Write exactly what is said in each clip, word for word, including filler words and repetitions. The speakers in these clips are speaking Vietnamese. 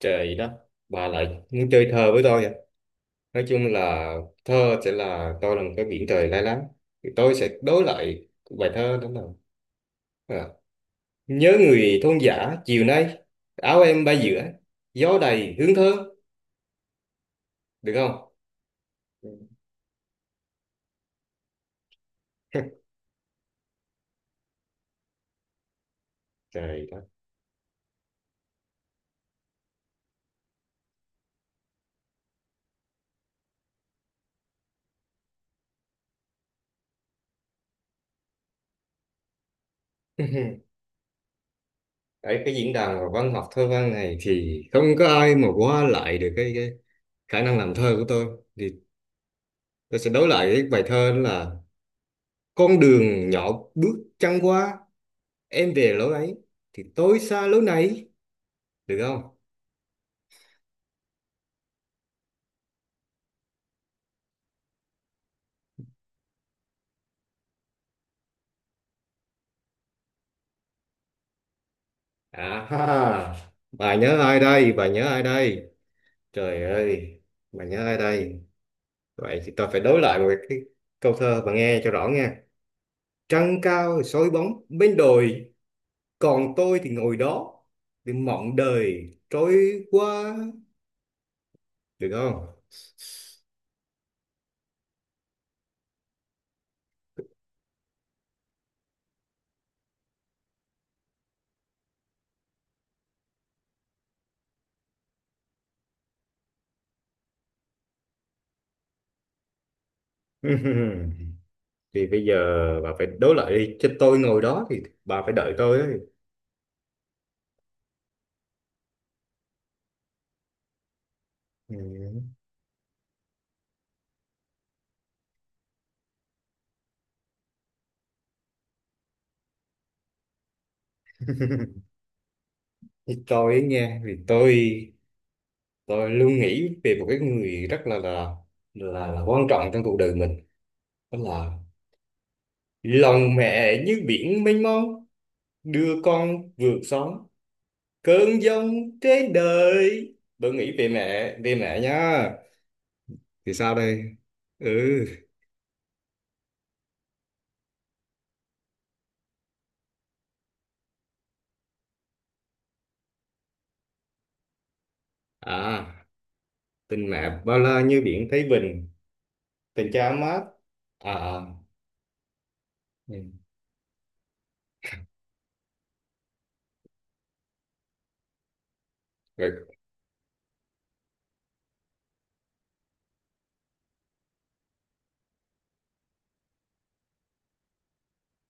Trời đất, bà lại muốn chơi thơ với tôi à? Nói chung là thơ sẽ là tôi là một cái biển trời lai láng. Thì tôi sẽ đối lại bài thơ đó là à. nhớ người thôn giả chiều nay, áo em bay giữa, gió đầy hướng thơ, được không? Trời đất. Ở cái diễn đàn văn học thơ văn này thì không có ai mà qua lại được cái, cái khả năng làm thơ của tôi. Thì tôi sẽ đối lại cái bài thơ đó là con đường nhỏ bước trăng qua, em về lối ấy thì tôi xa lối này, được không? À ha bà nhớ ai đây, bà nhớ ai đây, trời ơi, bà nhớ ai đây? Vậy thì tôi phải đối lại một cái câu thơ, bà nghe cho rõ nha: trăng cao soi bóng bên đồi, còn tôi thì ngồi đó để mộng đời trôi qua, được không? Thì bây giờ bà phải đối lại đi chứ, tôi ngồi đó thì bà phải đợi tôi ấy. Ừ. Thì tôi ấy nghe thì tôi Tôi luôn nghĩ về một cái người rất là là là, là quan trọng trong cuộc đời mình, đó là lòng mẹ như biển mênh mông, đưa con vượt sóng cơn giông trên đời. Tôi nghĩ về mẹ, về mẹ nha. Thì sao đây? Ừ. À, tình mẹ bao la như biển Thái Bình, tình cha mát, à à, ừ. Rồi.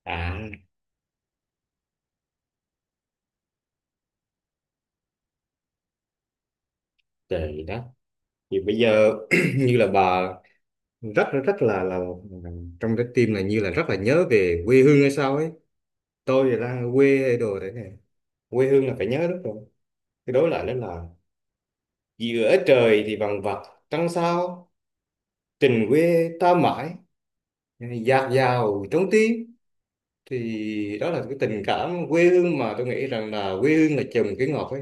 À, trời đất. Thì bây giờ như là bà rất rất là là trong trái tim là như là rất là nhớ về quê hương hay sao ấy. Tôi thì đang ở quê hay đồ thế này, quê hương là phải nhớ, đúng rồi. Cái đối lại đó là giữa trời thì vằng vặc trăng sao, tình quê ta mãi dạt dào trong tim. Thì đó là cái tình cảm quê hương mà tôi nghĩ rằng là quê hương là trồng cái ngọt ấy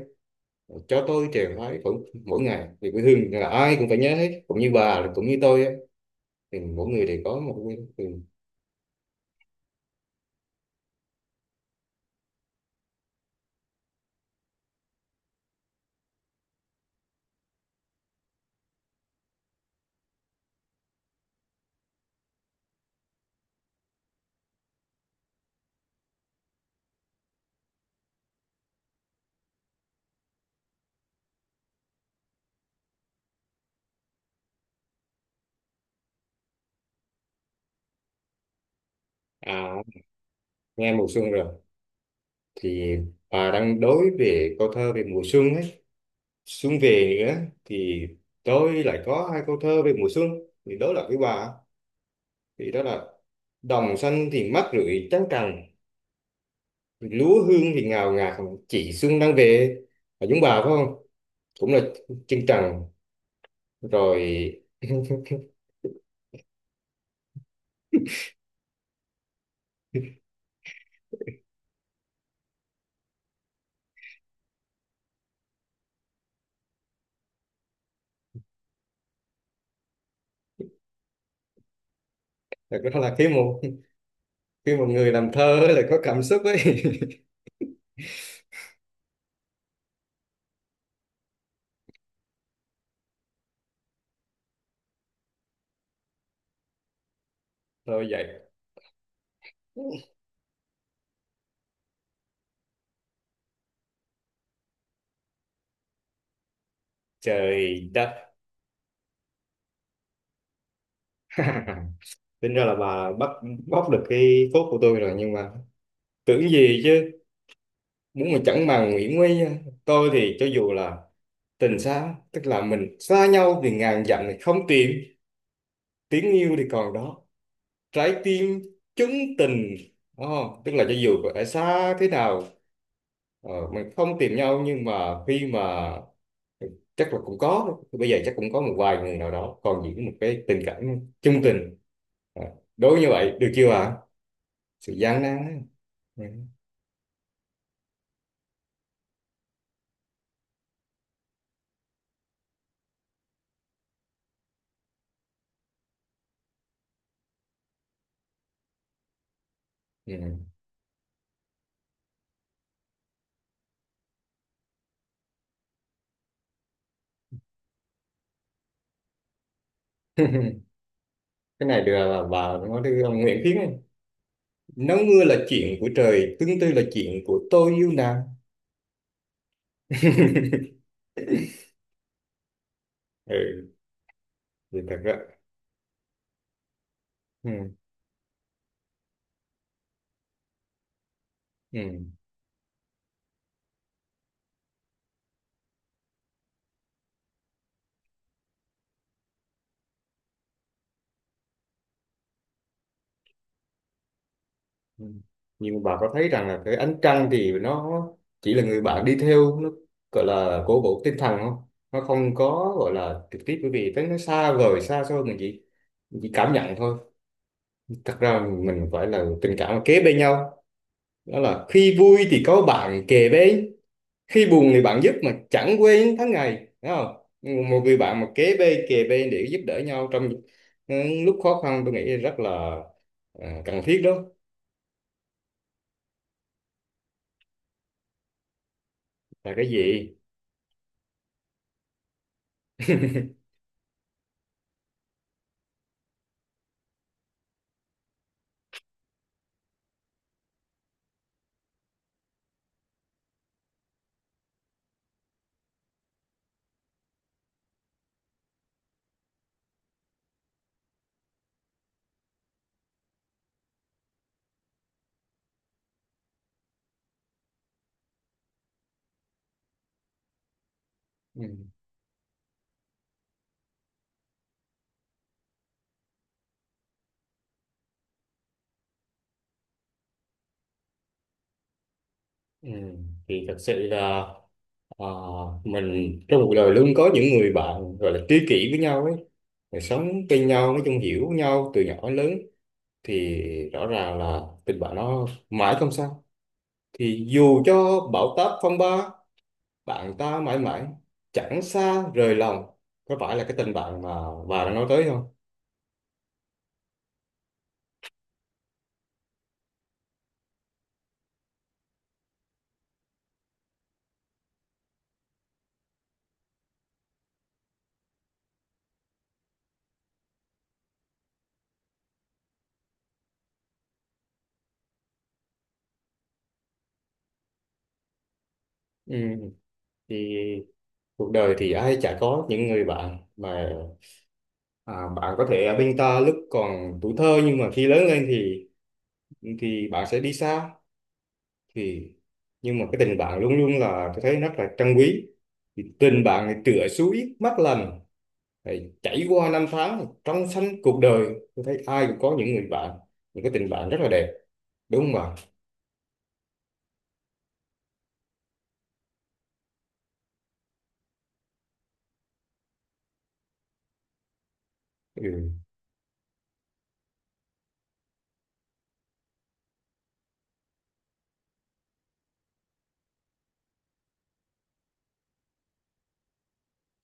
cho tôi trường phái cũng mỗi ngày. Thì quê hương là ai cũng phải nhớ hết, cũng như bà cũng như tôi ấy. Thì mỗi người đều có một quê hương. À, nghe mùa xuân rồi. Thì bà đang đối về câu thơ về mùa xuân ấy, xuân về nữa thì tôi lại có hai câu thơ về mùa xuân thì đối lập với bà, thì đó là đồng xanh thì mát rượi trắng cằn, lúa hương thì ngào ngạt, chị xuân đang về. Là chúng bà phải không? Cũng là chân trần rồi. Thật ra là khi một, khi một người làm thơ ấy là có cảm xúc ấy. Thôi vậy. Trời đất. Tính ra là bà bắt, bóc được cái phốt của tôi rồi, nhưng mà tưởng gì chứ. Đúng là chẳng màng Nguyễn Nguy. Tôi thì cho dù là tình xa, tức là mình xa nhau thì ngàn dặm thì không tìm, tiếng yêu thì còn đó, trái tim chứng tình. Oh, tức là cho dù ở xa thế nào, ờ, mình không tìm nhau, nhưng mà khi mà, ừ, chắc là cũng có, bây giờ chắc cũng có một vài người nào đó còn giữ một cái tình cảm chung tình. Ờ, đối như vậy được chưa ạ? Sự gian nan á. Ừ. Ừ. Cái này được là bà nói với ông Nguyễn Tiến ấy. Nắng mưa là chuyện của trời, tương tư là chuyện của tôi yêu nàng. Ừ. Thì thật ra, ừ, ừ, ừ, nhưng mà bà có thấy rằng là cái ánh trăng thì nó chỉ là người bạn đi theo, nó gọi là cổ vũ tinh thần không? Nó không có gọi là trực tiếp, bởi vì tới nó xa vời xa xôi, mình chỉ, mình chỉ cảm nhận thôi. Thật ra mình phải là tình cảm là kế bên nhau, đó là khi vui thì có bạn kề bên, khi buồn thì bạn giúp mà chẳng quê những tháng ngày, đúng không? Một người bạn mà kế bên kề bên để giúp đỡ nhau trong, ừ, lúc khó khăn, tôi nghĩ rất là, ờ, cần thiết đó. Là cái gì? Ừ. Ừ. Thì thật sự là, ờ, mình trong cuộc đời luôn có những người bạn gọi là tri kỷ với nhau ấy. Rồi sống bên nhau, nói chung hiểu nhau từ nhỏ đến lớn, thì rõ ràng là tình bạn nó mãi không sao. Thì dù cho bão táp phong ba, bạn ta mãi mãi chẳng xa rời lòng. Có phải là cái tình bạn mà bà đang nói tới không? Ừ. Thì cuộc đời thì ai chả có những người bạn mà, à, bạn có thể ở bên ta lúc còn tuổi thơ, nhưng mà khi lớn lên thì thì bạn sẽ đi xa. Thì nhưng mà cái tình bạn luôn luôn là tôi thấy rất là trân quý. Thì tình bạn này tựa suối mắt lành, thì chảy qua năm tháng trong xanh cuộc đời. Tôi thấy ai cũng có những người bạn, những cái tình bạn rất là đẹp, đúng không bạn? Ừ.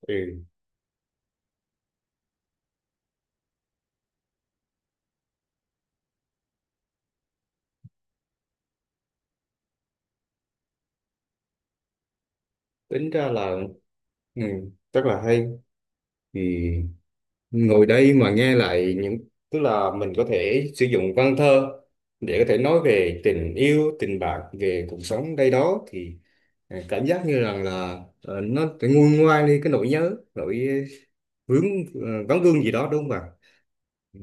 Ừ. Tính ra là, ừ, rất là hay. Thì ngồi đây mà nghe lại những, tức là mình có thể sử dụng văn thơ để có thể nói về tình yêu, tình bạn, về cuộc sống đây đó, thì ờ, cảm giác như rằng là ờ, nó nguôi ngoai đi cái nỗi nhớ, nỗi vướng, ờ, vắng vương gì đó, đúng không ạ? Ừ.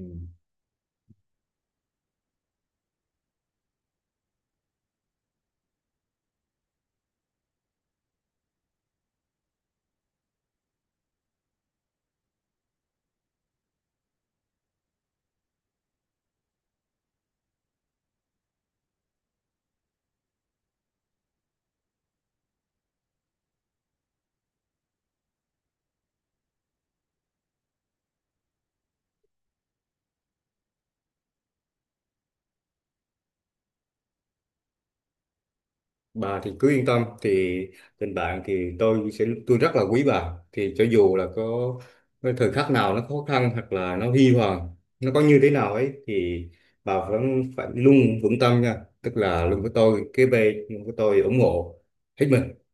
Bà thì cứ yên tâm, thì tình bạn thì tôi sẽ, tôi rất là quý bà, thì cho dù là có cái thời khắc nào nó khó khăn hoặc là nó huy hoàng, nó có như thế nào ấy thì bà vẫn phải luôn vững tâm nha, tức là luôn với tôi kế bên, luôn với tôi ủng hộ hết mình.